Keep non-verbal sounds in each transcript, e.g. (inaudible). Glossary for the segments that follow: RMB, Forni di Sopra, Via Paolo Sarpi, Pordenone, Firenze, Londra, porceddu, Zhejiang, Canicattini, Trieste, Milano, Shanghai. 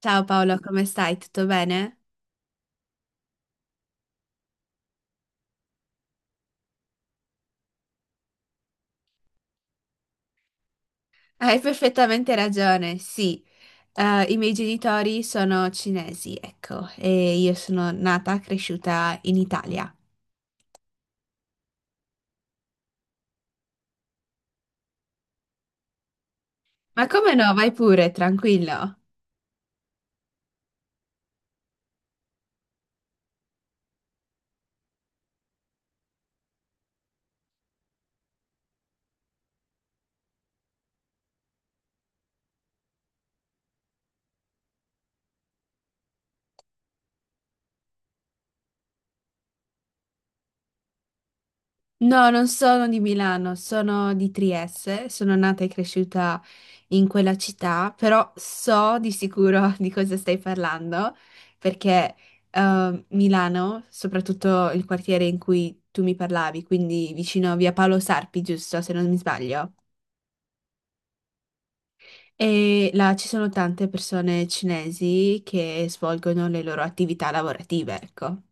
Ciao Paolo, come stai? Tutto bene? Hai perfettamente ragione, sì. I miei genitori sono cinesi, ecco, e io sono nata, cresciuta in Italia. Ma come no? Vai pure, tranquillo. No, non sono di Milano, sono di Trieste, sono nata e cresciuta in quella città, però so di sicuro (laughs) di cosa stai parlando, perché Milano, soprattutto il quartiere in cui tu mi parlavi, quindi vicino a Via Paolo Sarpi, giusto, se non mi sbaglio. E là ci sono tante persone cinesi che svolgono le loro attività lavorative, ecco.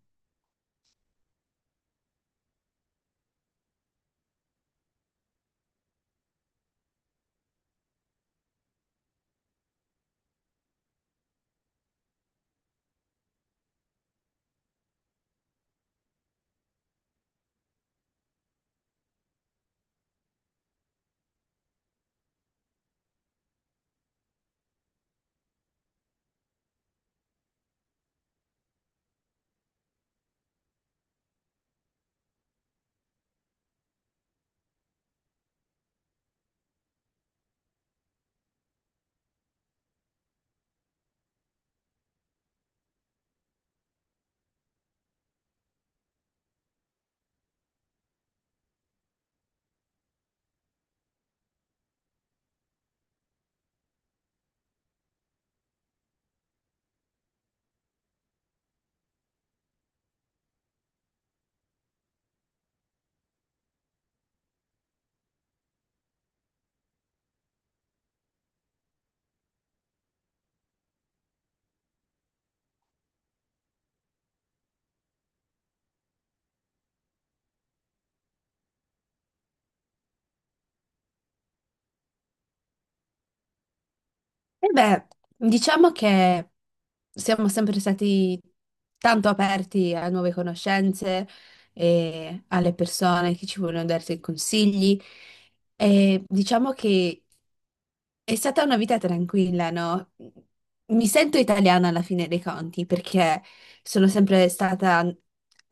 E beh, diciamo che siamo sempre stati tanto aperti a nuove conoscenze e alle persone che ci vogliono dare dei consigli. E diciamo che è stata una vita tranquilla, no? Mi sento italiana alla fine dei conti perché sono sempre stata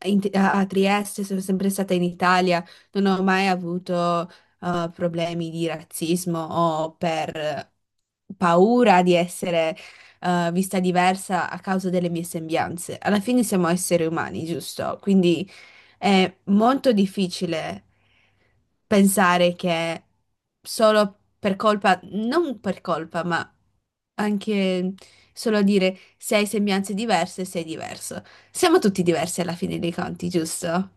a Trieste, sono sempre stata in Italia, non ho mai avuto problemi di razzismo o per paura di essere vista diversa a causa delle mie sembianze. Alla fine siamo esseri umani, giusto? Quindi è molto difficile pensare che solo per colpa, non per colpa, ma anche solo dire se hai sembianze diverse, sei diverso. Siamo tutti diversi alla fine dei conti, giusto?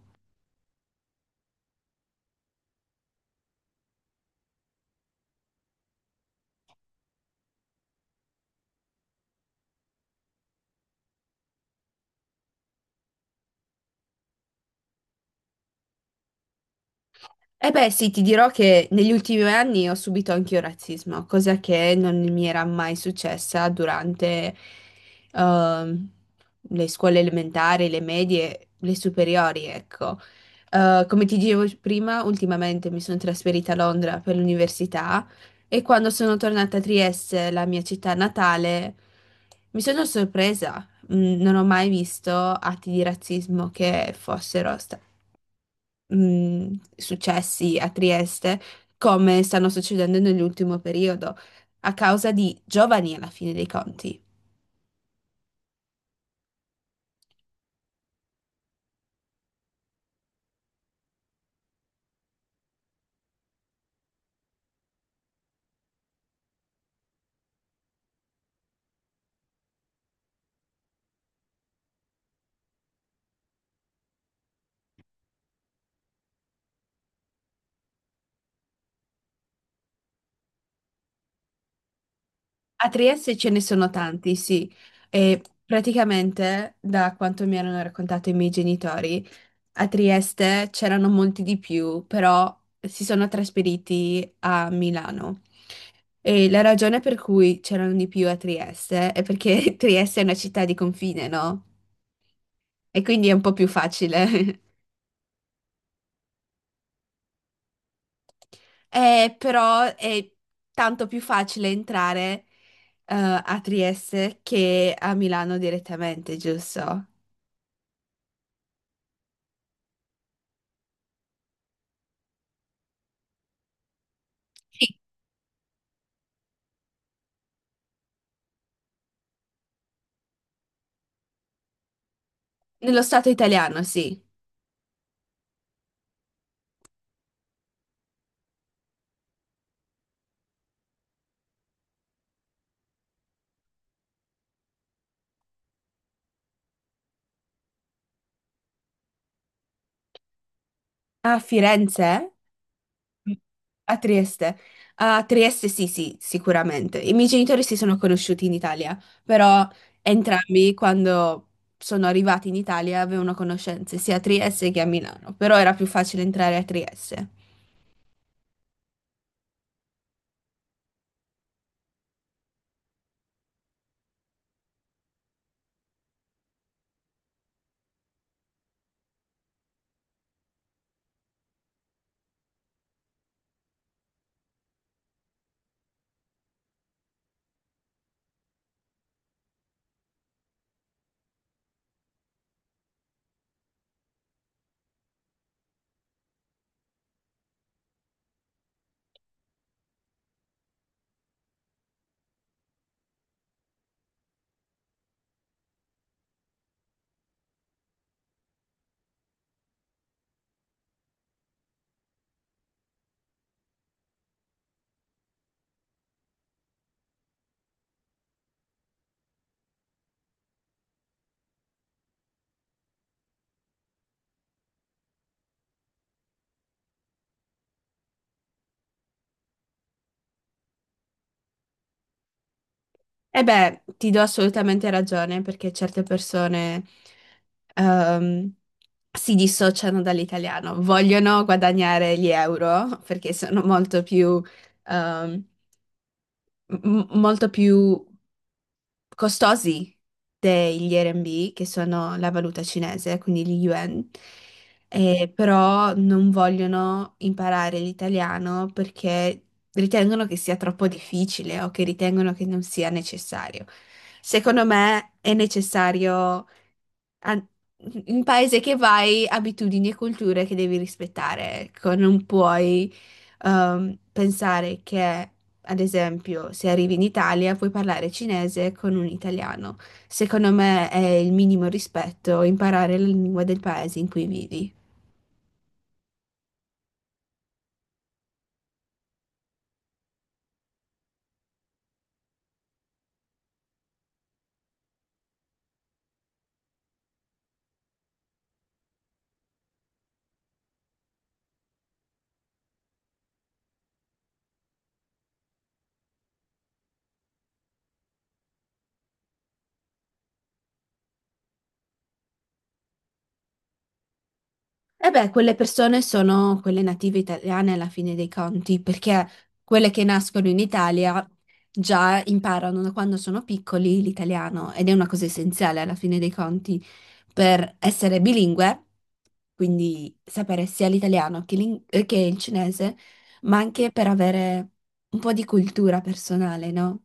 Eh beh, sì, ti dirò che negli ultimi anni ho subito anch'io razzismo, cosa che non mi era mai successa durante ehm, le scuole elementari, le medie, le superiori, ecco. Come ti dicevo prima, ultimamente mi sono trasferita a Londra per l'università e quando sono tornata a Trieste, la mia città natale, mi sono sorpresa. Non ho mai visto atti di razzismo che fossero successi a Trieste come stanno succedendo nell'ultimo periodo, a causa di giovani alla fine dei conti. A Trieste ce ne sono tanti, sì, e praticamente da quanto mi hanno raccontato i miei genitori, a Trieste c'erano molti di più, però si sono trasferiti a Milano. E la ragione per cui c'erano di più a Trieste è perché (laughs) Trieste è una città di confine, no? E quindi è un po' più facile. Però è tanto più facile entrare, eh, a Trieste che a Milano direttamente, giusto? Sì. Nello stato italiano, sì. A Firenze? A Trieste. A Trieste sì, sì, sicuramente. I miei genitori si sono conosciuti in Italia, però entrambi quando sono arrivati in Italia avevano conoscenze sia a Trieste che a Milano, però era più facile entrare a Trieste. E beh, ti do assolutamente ragione perché certe persone ehm, si dissociano dall'italiano, vogliono guadagnare gli euro perché sono molto più, ehm, molto più costosi degli RMB, che sono la valuta cinese, quindi gli yuan, però non vogliono imparare l'italiano perché ritengono che sia troppo difficile o che ritengono che non sia necessario. Secondo me è necessario a- in paese che vai, abitudini e culture che devi rispettare. Ecco, non puoi pensare che, ad esempio, se arrivi in Italia puoi parlare cinese con un italiano. Secondo me è il minimo rispetto imparare la lingua del paese in cui vivi. E beh, quelle persone sono quelle native italiane alla fine dei conti, perché quelle che nascono in Italia già imparano da quando sono piccoli l'italiano ed è una cosa essenziale alla fine dei conti per essere bilingue, quindi sapere sia l'italiano che, che il cinese, ma anche per avere un po' di cultura personale, no?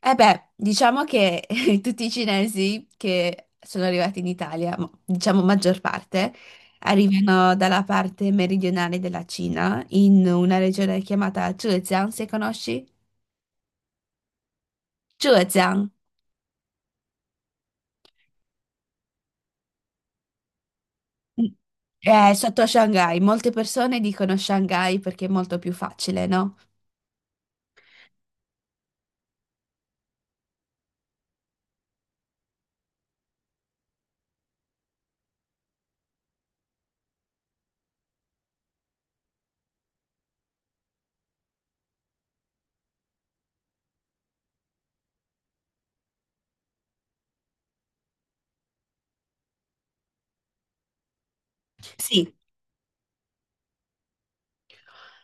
Eh beh, diciamo che (laughs) tutti i cinesi che sono arrivati in Italia, diciamo maggior parte, arrivano dalla parte meridionale della Cina, in una regione chiamata Zhejiang, se conosci? Zhejiang. Mm. È sotto Shanghai. Molte persone dicono Shanghai perché è molto più facile, no? Sì.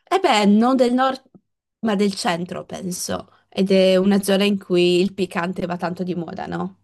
Eh beh, non del nord, ma del centro, penso. Ed è una zona in cui il piccante va tanto di moda, no?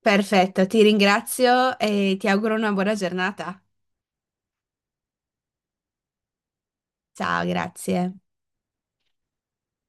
Perfetto, ti ringrazio e ti auguro una buona giornata. Ciao, grazie.